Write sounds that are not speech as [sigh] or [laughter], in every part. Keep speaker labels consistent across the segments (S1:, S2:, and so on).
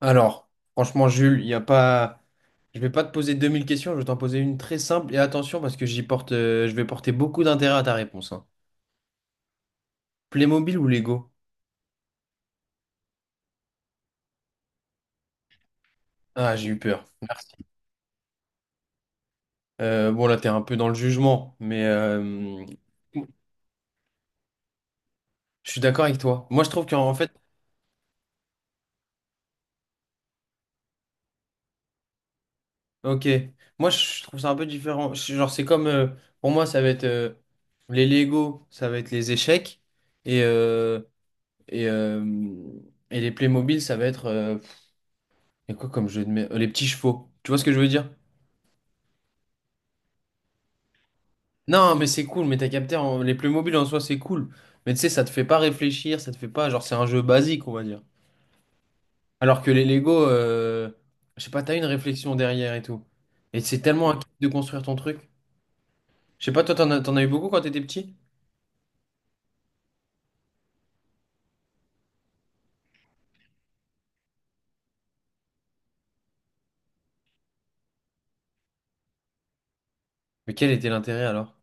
S1: Alors, franchement, Jules, il y a pas... je vais pas te poser 2000 questions, je vais t'en poser une très simple. Et attention, parce que j'y porte, je vais porter beaucoup d'intérêt à ta réponse, hein. Playmobil ou Lego? Ah, j'ai eu peur. Merci. Bon, là, t'es un peu dans le jugement, je suis d'accord avec toi. Moi, je trouve qu'en fait, ok, moi, je trouve ça un peu différent. Genre, c'est comme, pour moi, ça va être, les Lego, ça va être les échecs, et, euh, et, euh, et les Playmobil, ça va être, il y a quoi comme jeu de mer? Les petits chevaux. Tu vois ce que je veux dire? Non, mais c'est cool, mais t'as capté, les mobiles en soi, c'est cool. Mais tu sais, ça te fait pas réfléchir, ça te fait pas. Genre, c'est un jeu basique, on va dire. Alors que les Lego, je sais pas, t'as une réflexion derrière et tout. Et c'est tellement un kiff de construire ton truc. Je sais pas, toi, t'en as eu beaucoup quand t'étais petit? Mais quel était l'intérêt alors?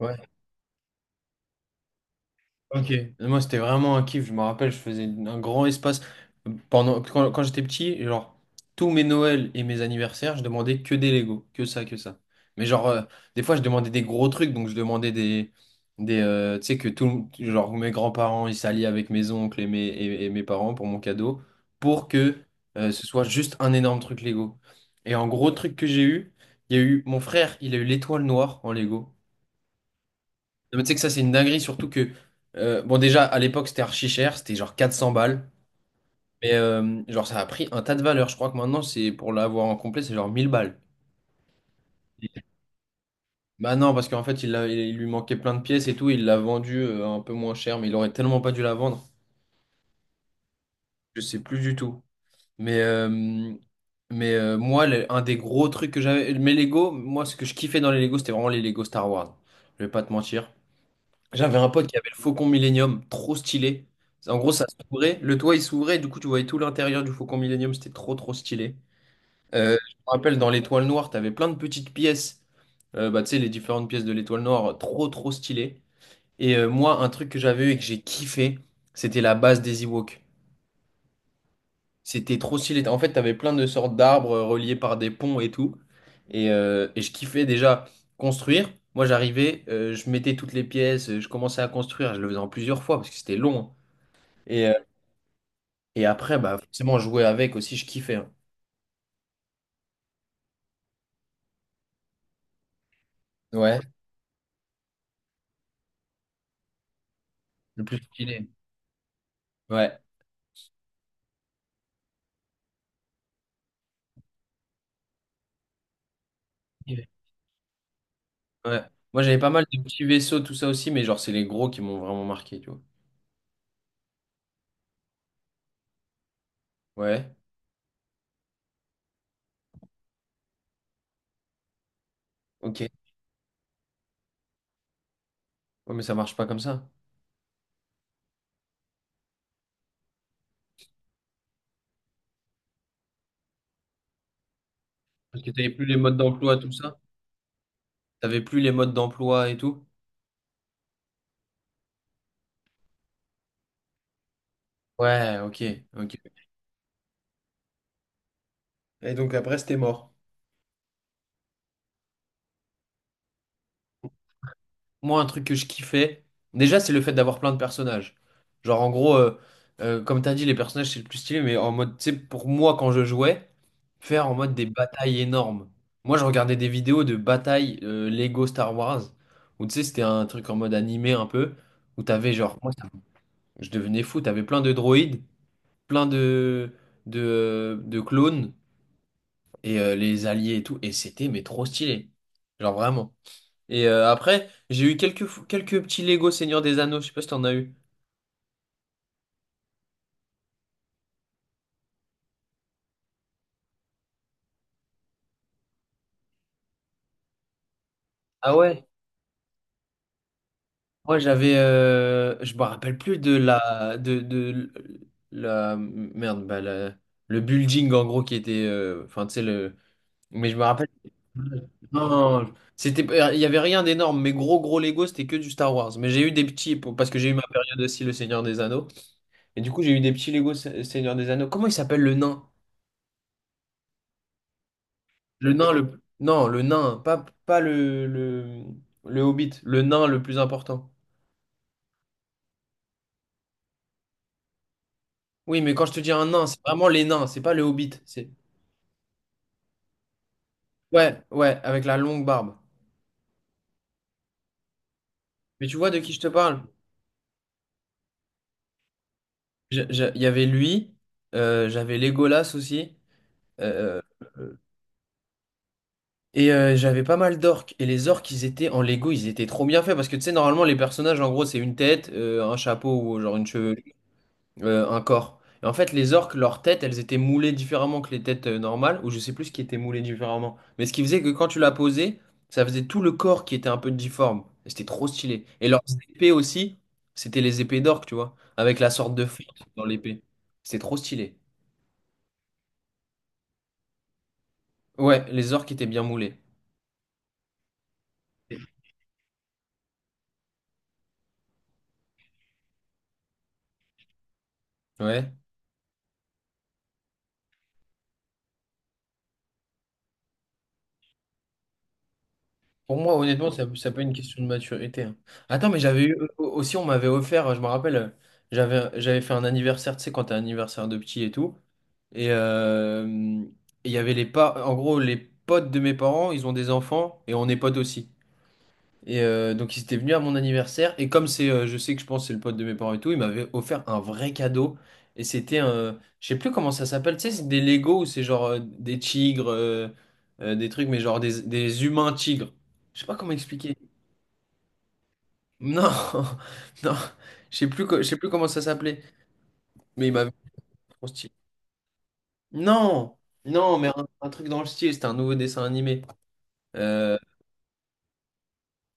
S1: Ouais. Ok. Moi, c'était vraiment un kiff. Je me rappelle, je faisais un grand espace. Quand j'étais petit, genre, tous mes Noëls et mes anniversaires, je demandais que des Lego. Que ça, que ça. Mais genre, des fois, je demandais des gros trucs. Donc, je demandais des. Des, tu sais, que tout. Genre, mes grands-parents, ils s'allient avec mes oncles et mes parents pour mon cadeau. Pour que ce soit juste un énorme truc Lego. Et en gros truc que j'ai eu, il y a eu mon frère, il a eu l'étoile noire en Lego. Non, mais tu sais que ça, c'est une dinguerie, surtout que, bon, déjà, à l'époque, c'était archi cher, c'était genre 400 balles, genre, ça a pris un tas de valeur. Je crois que maintenant, c'est pour l'avoir en complet, c'est genre 1000 balles. Bah non, parce qu'en fait, il lui manquait plein de pièces et tout, il l'a vendu un peu moins cher, mais il aurait tellement pas dû la vendre, je sais plus du tout. Mais, euh, moi, un des gros trucs que j'avais, mes Lego, moi, ce que je kiffais dans les Lego, c'était vraiment les Lego Star Wars. Je vais pas te mentir. J'avais un pote qui avait le Faucon Millenium, trop stylé. En gros, ça s'ouvrait, le toit il s'ouvrait, et du coup tu voyais tout l'intérieur du Faucon Millenium, c'était trop trop stylé. Je me rappelle dans l'étoile noire, t'avais plein de petites pièces. Bah, tu sais, les différentes pièces de l'étoile noire, trop trop stylé. Moi, un truc que j'avais eu et que j'ai kiffé, c'était la base des Ewoks. C'était trop stylé. En fait, t'avais plein de sortes d'arbres reliés par des ponts et tout. Et je kiffais déjà construire. Moi, je mettais toutes les pièces, je commençais à construire. Je le faisais en plusieurs fois parce que c'était long, hein. Et, euh, et après, bah, forcément, jouer avec aussi, je kiffais, hein. Ouais, le plus stylé. Ouais. Ouais. Moi, j'avais pas mal de petits vaisseaux, tout ça aussi, mais genre, c'est les gros qui m'ont vraiment marqué, tu vois. Ouais, ok. Ouais, mais ça marche pas comme ça. Parce que t'avais plus les modes d'emploi, tout ça. T'avais plus les modes d'emploi et tout. Ouais, ok, ok. Et donc après, c'était mort. Moi, un truc que je kiffais, déjà, c'est le fait d'avoir plein de personnages. Genre, en gros, comme t'as dit, les personnages, c'est le plus stylé, mais en mode, tu sais, pour moi, quand je jouais, faire en mode des batailles énormes. Moi, je regardais des vidéos de batailles Lego Star Wars, où tu sais, c'était un truc en mode animé un peu, où t'avais genre, je devenais fou, t'avais plein de droïdes, plein de clones, les alliés et tout, et c'était, mais trop stylé. Genre, vraiment. Après, j'ai eu quelques petits Lego Seigneur des Anneaux, je sais pas si t'en as eu. Ah ouais? Moi j'avais, je me rappelle plus de la, merde, bah, la- le building en gros qui était, enfin tu sais le, mais je me rappelle, non, non, c'était, il y avait rien d'énorme, mais gros gros Lego c'était que du Star Wars. Mais j'ai eu des petits, parce que j'ai eu ma période aussi le Seigneur des Anneaux, et du coup j'ai eu des petits Lego Seigneur des Anneaux. Comment il s'appelle le nain? Le nain, le... Non, le nain, pas le hobbit, le nain le plus important. Oui, mais quand je te dis un nain, c'est vraiment les nains, c'est pas le hobbit. C'est... Ouais, ouais, avec la longue barbe. Mais tu vois de qui je te parle? Il y avait lui, j'avais Legolas aussi, euh, j'avais pas mal d'orques. Et les orques, ils étaient en Lego, ils étaient trop bien faits, parce que tu sais, normalement, les personnages, en gros, c'est une tête, un chapeau ou genre une chevelure. Un corps. Et en fait, les orques, leurs têtes, elles étaient moulées différemment que les têtes normales, ou je sais plus ce qui était moulé différemment. Mais ce qui faisait que quand tu la posais, ça faisait tout le corps qui était un peu difforme. Et c'était trop stylé. Et leurs épées aussi, c'était les épées d'orques, tu vois, avec la sorte de fente dans l'épée. C'était trop stylé. Ouais, les orques étaient bien moulés. Ouais. Pour moi, honnêtement, ça peut être une question de maturité, hein. Attends, mais j'avais eu aussi, on m'avait offert, je me rappelle, j'avais fait un anniversaire, tu sais, quand t'as un anniversaire de petit et tout. Et euh, et il y avait les pas, en gros, les potes de mes parents, ils ont des enfants et on est potes aussi. Donc ils étaient venus à mon anniversaire et comme c'est, je sais que je pense que c'est le pote de mes parents et tout, il m'avait offert un vrai cadeau et c'était un, je sais plus comment ça s'appelle, tu sais, c'est des Lego ou c'est genre des tigres, des trucs mais genre des humains tigres. Je sais pas comment expliquer. Non, [laughs] non, je sais plus, je sais plus comment ça s'appelait, mais il m'avait trop stylé. Non, non, mais un truc dans le style, c'était un nouveau dessin animé. Euh,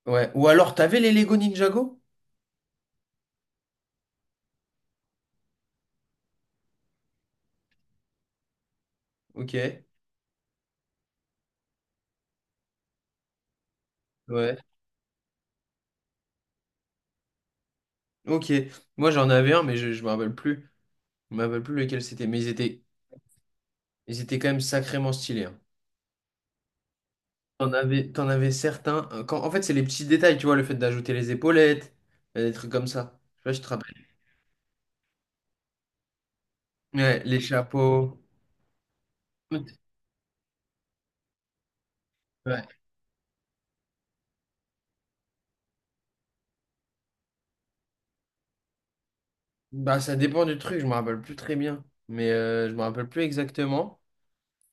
S1: ouais. Ou alors, t'avais les Lego Ninjago? Ok. Ouais. Ok. Moi, j'en avais un, mais je me rappelle plus. Je me rappelle plus lequel c'était. Mais ils étaient quand même sacrément stylés, hein. T'en avais certains. En fait, c'est les petits détails, tu vois, le fait d'ajouter les épaulettes, des trucs comme ça. Je sais pas si tu te rappelles. Ouais, les chapeaux. Ouais. Bah, ça dépend du truc, je me rappelle plus très bien. Je me rappelle plus exactement.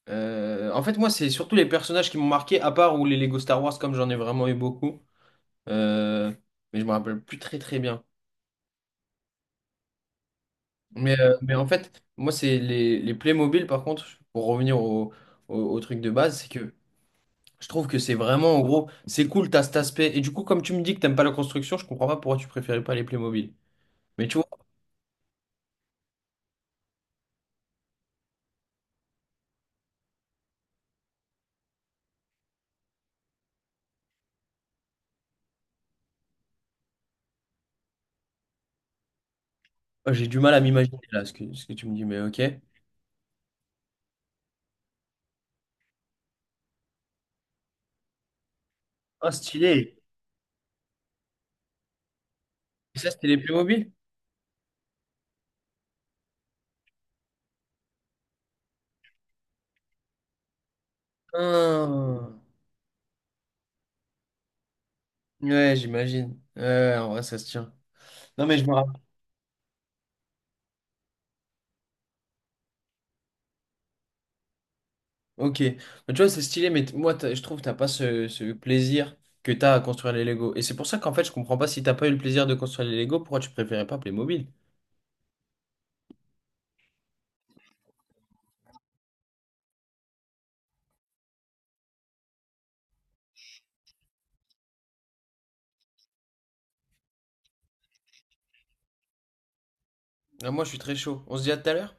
S1: En fait, moi, c'est surtout les personnages qui m'ont marqué, à part ou les Lego Star Wars, comme j'en ai vraiment eu beaucoup. Euh, mais je me rappelle plus très très bien. Mais en fait, moi, c'est les Playmobil, par contre, pour revenir au truc de base, c'est que je trouve que c'est vraiment, en gros, c'est cool, t'as cet aspect. Et du coup, comme tu me dis que t'aimes pas la construction, je comprends pas pourquoi tu préférais pas les Playmobil. Mais tu vois, j'ai du mal à m'imaginer là ce ce que tu me dis, mais ok. Ah, stylé. Et ça, c'était les Playmobil? Ah. Ouais, j'imagine. Ouais, en vrai, ça se tient. Non, mais je me rappelle. Ok, mais tu vois, c'est stylé, mais je trouve que t'as pas ce plaisir que t'as à construire les Lego. Et c'est pour ça qu'en fait, je comprends pas si t'as pas eu le plaisir de construire les Lego, pourquoi tu préférais pas Playmobil? Ah, moi, je suis très chaud. On se dit à tout à l'heure?